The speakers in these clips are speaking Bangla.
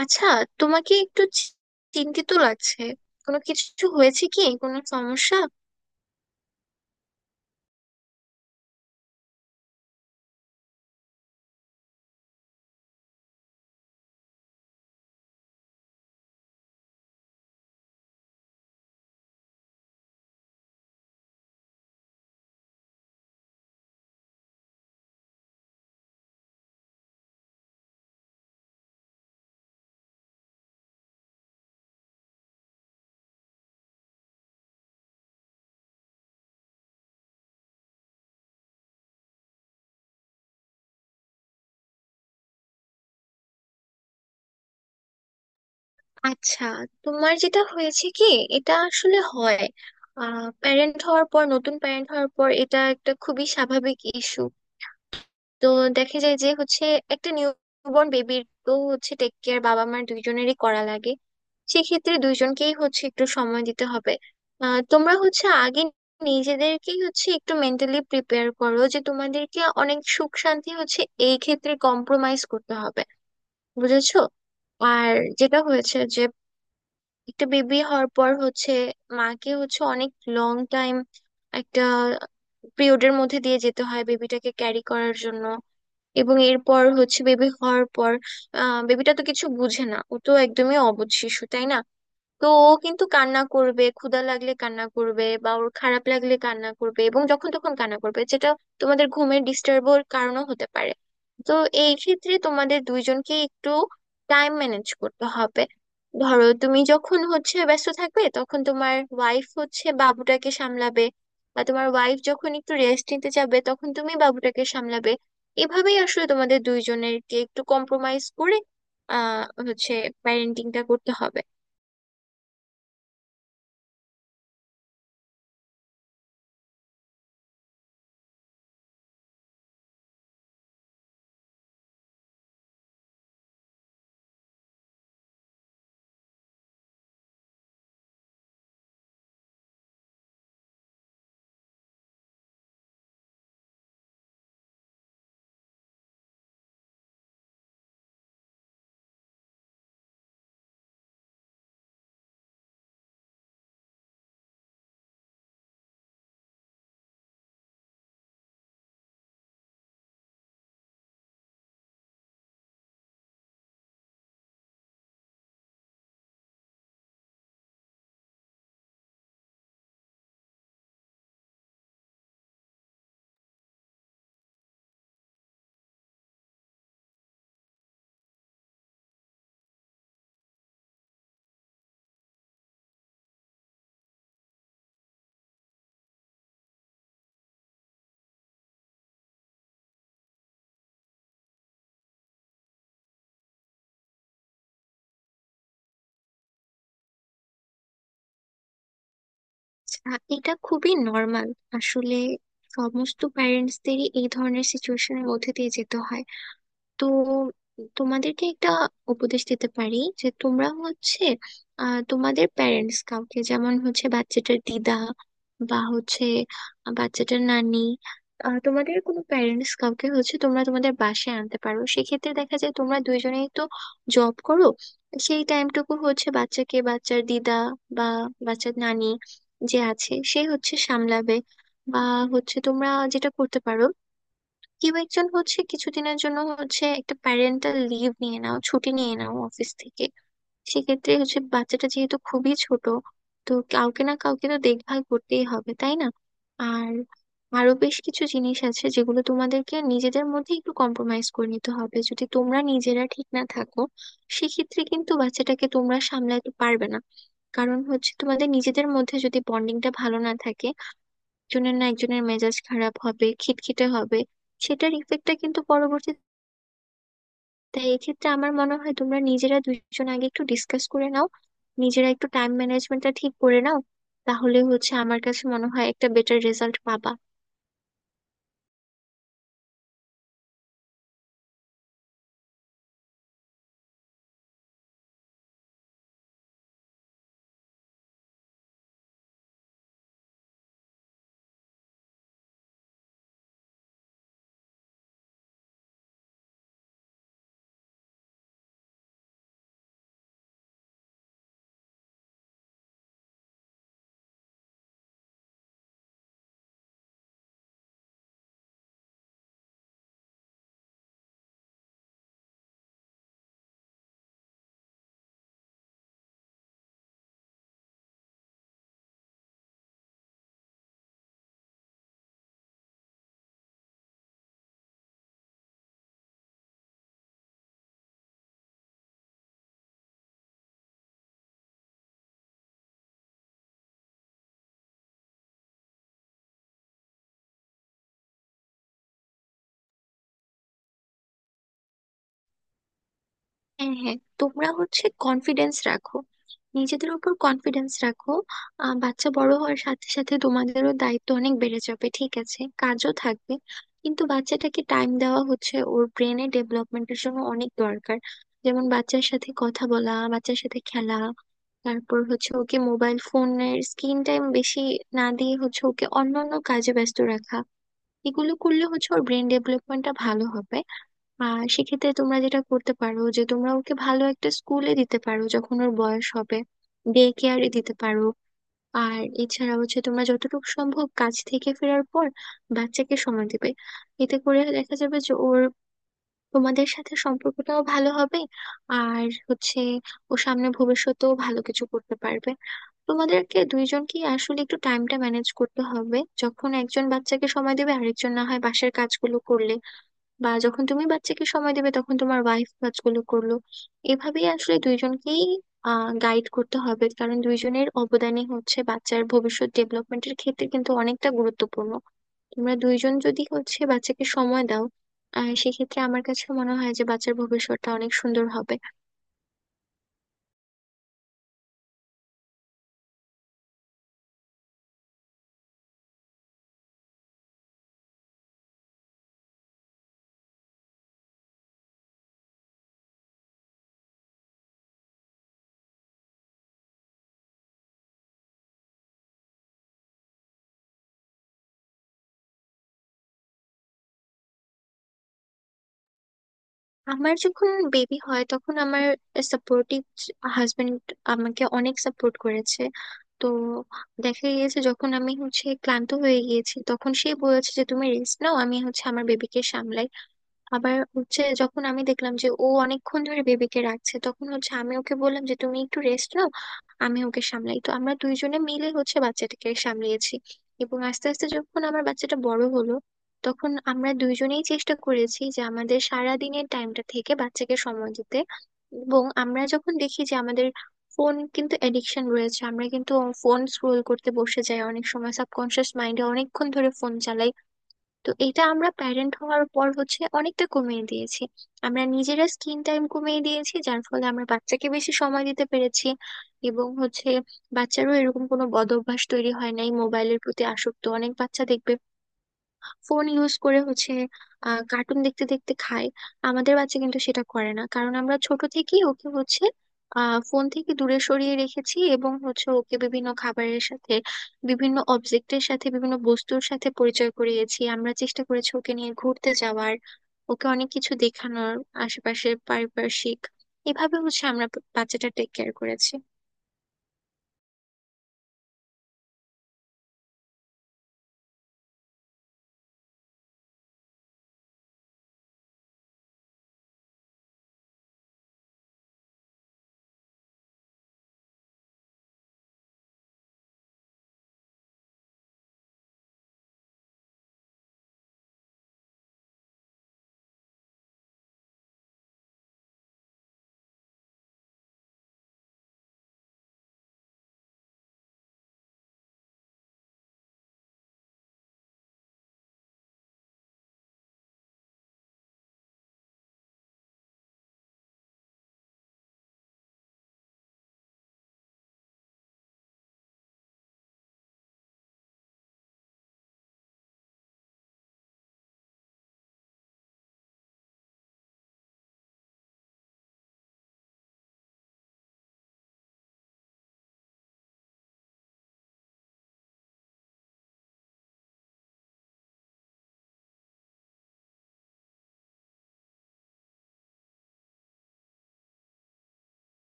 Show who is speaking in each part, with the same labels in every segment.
Speaker 1: আচ্ছা, তোমাকে একটু চিন্তিত লাগছে। কোনো কিছু হয়েছে কি? কোনো সমস্যা? আচ্ছা, তোমার যেটা হয়েছে কি, এটা আসলে হয়। প্যারেন্ট হওয়ার পর, নতুন প্যারেন্ট হওয়ার পর এটা একটা খুবই স্বাভাবিক ইস্যু। তো দেখা যায় যে হচ্ছে, একটা নিউবর্ন বেবির তো হচ্ছে টেক কেয়ার বাবা মার দুইজনেরই করা লাগে। সেক্ষেত্রে দুইজনকেই হচ্ছে একটু সময় দিতে হবে। তোমরা হচ্ছে আগে নিজেদেরকেই হচ্ছে একটু মেন্টালি প্রিপেয়ার করো যে তোমাদেরকে অনেক সুখ শান্তি হচ্ছে এই ক্ষেত্রে কম্প্রোমাইজ করতে হবে। বুঝেছো? আর যেটা হয়েছে যে, একটা বেবি হওয়ার পর হচ্ছে মাকে হচ্ছে অনেক লং টাইম একটা পিরিয়ডের মধ্যে দিয়ে যেতে হয় বেবিটাকে ক্যারি করার জন্য। এবং এরপর হচ্ছে বেবি হওয়ার পর আহ বেবিটা তো কিছু বুঝে না, ও তো একদমই অবুঝ শিশু, তাই না? তো ও কিন্তু কান্না করবে, ক্ষুধা লাগলে কান্না করবে বা ওর খারাপ লাগলে কান্না করবে এবং যখন তখন কান্না করবে, যেটা তোমাদের ঘুমের ডিস্টার্বের কারণও হতে পারে। তো এই ক্ষেত্রে তোমাদের দুইজনকে একটু টাইম ম্যানেজ করতে হবে। ধরো, তুমি যখন হচ্ছে ব্যস্ত থাকবে তখন তোমার ওয়াইফ হচ্ছে বাবুটাকে সামলাবে, বা তোমার ওয়াইফ যখন একটু রেস্ট নিতে যাবে তখন তুমি বাবুটাকে সামলাবে। এভাবেই আসলে তোমাদের দুইজনেরকে একটু কম্প্রোমাইজ করে আহ হচ্ছে প্যারেন্টিংটা করতে হবে। এটা খুবই নর্মাল আসলে, সমস্ত প্যারেন্টসদেরই এই ধরনের সিচুয়েশনের মধ্যে দিয়ে যেতে হয়। তো তোমাদেরকে একটা উপদেশ দিতে পারি, যে তোমরা হচ্ছে তোমাদের প্যারেন্টস কাউকে, যেমন হচ্ছে বাচ্চাটার দিদা বা হচ্ছে বাচ্চাটার নানি, তোমাদের কোনো প্যারেন্টস কাউকে হচ্ছে তোমরা তোমাদের বাসায় আনতে পারো। সেক্ষেত্রে দেখা যায় তোমরা দুইজনেই তো জব করো, সেই টাইমটুকু হচ্ছে বাচ্চাকে বাচ্চার দিদা বা বাচ্চার নানি যে আছে সে হচ্ছে সামলাবে। বা হচ্ছে তোমরা যেটা করতে পারো, কেউ একজন হচ্ছে কিছুদিনের জন্য হচ্ছে একটা প্যারেন্টাল লিভ নিয়ে নাও, ছুটি নিয়ে নাও অফিস থেকে। সেক্ষেত্রে হচ্ছে বাচ্চাটা যেহেতু খুবই ছোট, তো কাউকে না কাউকে তো দেখভাল করতেই হবে, তাই না? আর আরো বেশ কিছু জিনিস আছে যেগুলো তোমাদেরকে নিজেদের মধ্যে একটু কম্প্রোমাইজ করে নিতে হবে। যদি তোমরা নিজেরা ঠিক না থাকো সেক্ষেত্রে কিন্তু বাচ্চাটাকে তোমরা সামলাতে পারবে না। কারণ হচ্ছে তোমাদের নিজেদের মধ্যে যদি বন্ডিংটা ভালো না থাকে, একজনের না একজনের মেজাজ খারাপ হবে, খিটখিটে হবে, সেটার ইফেক্টটা কিন্তু পরবর্তীতে। তাই এক্ষেত্রে আমার মনে হয় তোমরা নিজেরা দুজন আগে একটু ডিসকাস করে নাও, নিজেরা একটু টাইম ম্যানেজমেন্টটা ঠিক করে নাও, তাহলে হচ্ছে আমার কাছে মনে হয় একটা বেটার রেজাল্ট পাবা। হ্যাঁ হ্যাঁ, তোমরা হচ্ছে কনফিডেন্স রাখো, নিজেদের উপর কনফিডেন্স রাখো। বাচ্চা বড় হওয়ার সাথে সাথে তোমাদেরও দায়িত্ব অনেক বেড়ে যাবে, ঠিক আছে, কাজও থাকবে, কিন্তু বাচ্চাটাকে টাইম দেওয়া হচ্ছে ওর ব্রেনের ডেভেলপমেন্টের জন্য অনেক দরকার। যেমন বাচ্চার সাথে কথা বলা, বাচ্চার সাথে খেলা, তারপর হচ্ছে ওকে মোবাইল ফোনের স্ক্রিন টাইম বেশি না দিয়ে হচ্ছে ওকে অন্যান্য কাজে ব্যস্ত রাখা। এগুলো করলে হচ্ছে ওর ব্রেন ডেভেলপমেন্টটা ভালো হবে। আর সেক্ষেত্রে তোমরা যেটা করতে পারো যে তোমরা ওকে ভালো একটা স্কুলে দিতে পারো যখন ওর বয়স হবে, ডে কেয়ারে দিতে পারো। আর এছাড়া হচ্ছে তোমরা যতটুকু সম্ভব কাজ থেকে ফেরার পর বাচ্চাকে সময় দেবে। এতে করে দেখা যাবে যে ওর তোমাদের সাথে সম্পর্কটাও ভালো হবে আর হচ্ছে ও সামনে ভবিষ্যতেও ভালো কিছু করতে পারবে। তোমাদেরকে দুইজনকে আসলে একটু টাইমটা ম্যানেজ করতে হবে, যখন একজন বাচ্চাকে সময় দেবে আরেকজন না হয় বাসার কাজগুলো করলে, বা যখন তুমি বাচ্চাকে সময় দেবে তখন তোমার ওয়াইফ কাজগুলো করলো। এভাবেই আসলে দুইজনকেই গাইড করতে হবে, কারণ দুইজনের অবদানই হচ্ছে বাচ্চার ভবিষ্যৎ ডেভেলপমেন্টের ক্ষেত্রে কিন্তু অনেকটা গুরুত্বপূর্ণ। তোমরা দুইজন যদি হচ্ছে বাচ্চাকে সময় দাও আহ সেক্ষেত্রে আমার কাছে মনে হয় যে বাচ্চার ভবিষ্যৎটা অনেক সুন্দর হবে। আমার যখন বেবি হয় তখন আমার সাপোর্টিভ হাজবেন্ড আমাকে অনেক সাপোর্ট করেছে। তো দেখা গিয়েছে যখন আমি হচ্ছে ক্লান্ত হয়ে গিয়েছি তখন সে বলেছে যে তুমি রেস্ট নাও, আমি হচ্ছে আমার বেবিকে সামলাই। আবার হচ্ছে যখন আমি দেখলাম যে ও অনেকক্ষণ ধরে বেবিকে রাখছে তখন হচ্ছে আমি ওকে বললাম যে তুমি একটু রেস্ট নাও, আমি ওকে সামলাই। তো আমরা দুইজনে মিলে হচ্ছে বাচ্চাটাকে সামলিয়েছি। এবং আস্তে আস্তে যখন আমার বাচ্চাটা বড় হলো তখন আমরা দুইজনেই চেষ্টা করেছি যে আমাদের সারা দিনের টাইমটা থেকে বাচ্চাকে সময় দিতে। এবং আমরা যখন দেখি যে আমাদের ফোন কিন্তু এডিকশন রয়েছে, আমরা কিন্তু ফোন স্ক্রোল করতে বসে যাই অনেক সময়, সাবকনশিয়াস মাইন্ডে অনেকক্ষণ ধরে ফোন চালাই, তো এটা আমরা প্যারেন্ট হওয়ার পর হচ্ছে অনেকটা কমিয়ে দিয়েছি। আমরা নিজেরা স্ক্রিন টাইম কমিয়ে দিয়েছি, যার ফলে আমরা বাচ্চাকে বেশি সময় দিতে পেরেছি। এবং হচ্ছে বাচ্চারও এরকম কোনো বদ অভ্যাস তৈরি হয় নাই। মোবাইলের প্রতি আসক্ত অনেক বাচ্চা দেখবে ফোন ইউজ করে হচ্ছে আহ কার্টুন দেখতে দেখতে খায়। আমাদের বাচ্চা কিন্তু সেটা করে না, কারণ আমরা ছোট থেকেই ওকে হচ্ছে আহ ফোন থেকে দূরে সরিয়ে রেখেছি এবং হচ্ছে ওকে বিভিন্ন খাবারের সাথে, বিভিন্ন অবজেক্টের সাথে, বিভিন্ন বস্তুর সাথে পরিচয় করিয়েছি। আমরা চেষ্টা করেছি ওকে নিয়ে ঘুরতে যাওয়ার, ওকে অনেক কিছু দেখানোর, আশেপাশে পারিপার্শ্বিক। এভাবে হচ্ছে আমরা বাচ্চাটা টেক কেয়ার করেছি।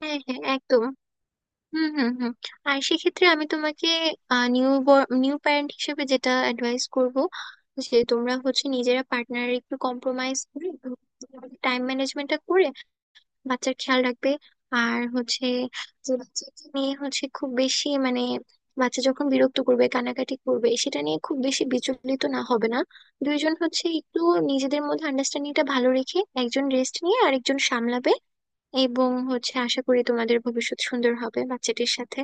Speaker 1: হ্যাঁ হ্যাঁ, একদম। হুম হুম হুম। আর সেক্ষেত্রে আমি তোমাকে নিউ নিউ প্যারেন্ট হিসেবে যেটা অ্যাডভাইস করব, যে তোমরা হচ্ছে নিজেরা পার্টনার একটু কম্প্রোমাইজ করে, টাইম ম্যানেজমেন্টটা করে বাচ্চার খেয়াল রাখবে। আর হচ্ছে যে বাচ্চাকে নিয়ে হচ্ছে খুব বেশি মানে, বাচ্চা যখন বিরক্ত করবে, কানাকাটি করবে, সেটা নিয়ে খুব বেশি বিচলিত না হবে না। দুইজন হচ্ছে একটু নিজেদের মধ্যে আন্ডারস্ট্যান্ডিংটা ভালো রেখে একজন রেস্ট নিয়ে আরেকজন সামলাবে। এবং হচ্ছে আশা করি তোমাদের ভবিষ্যৎ সুন্দর হবে বাচ্চাটির সাথে।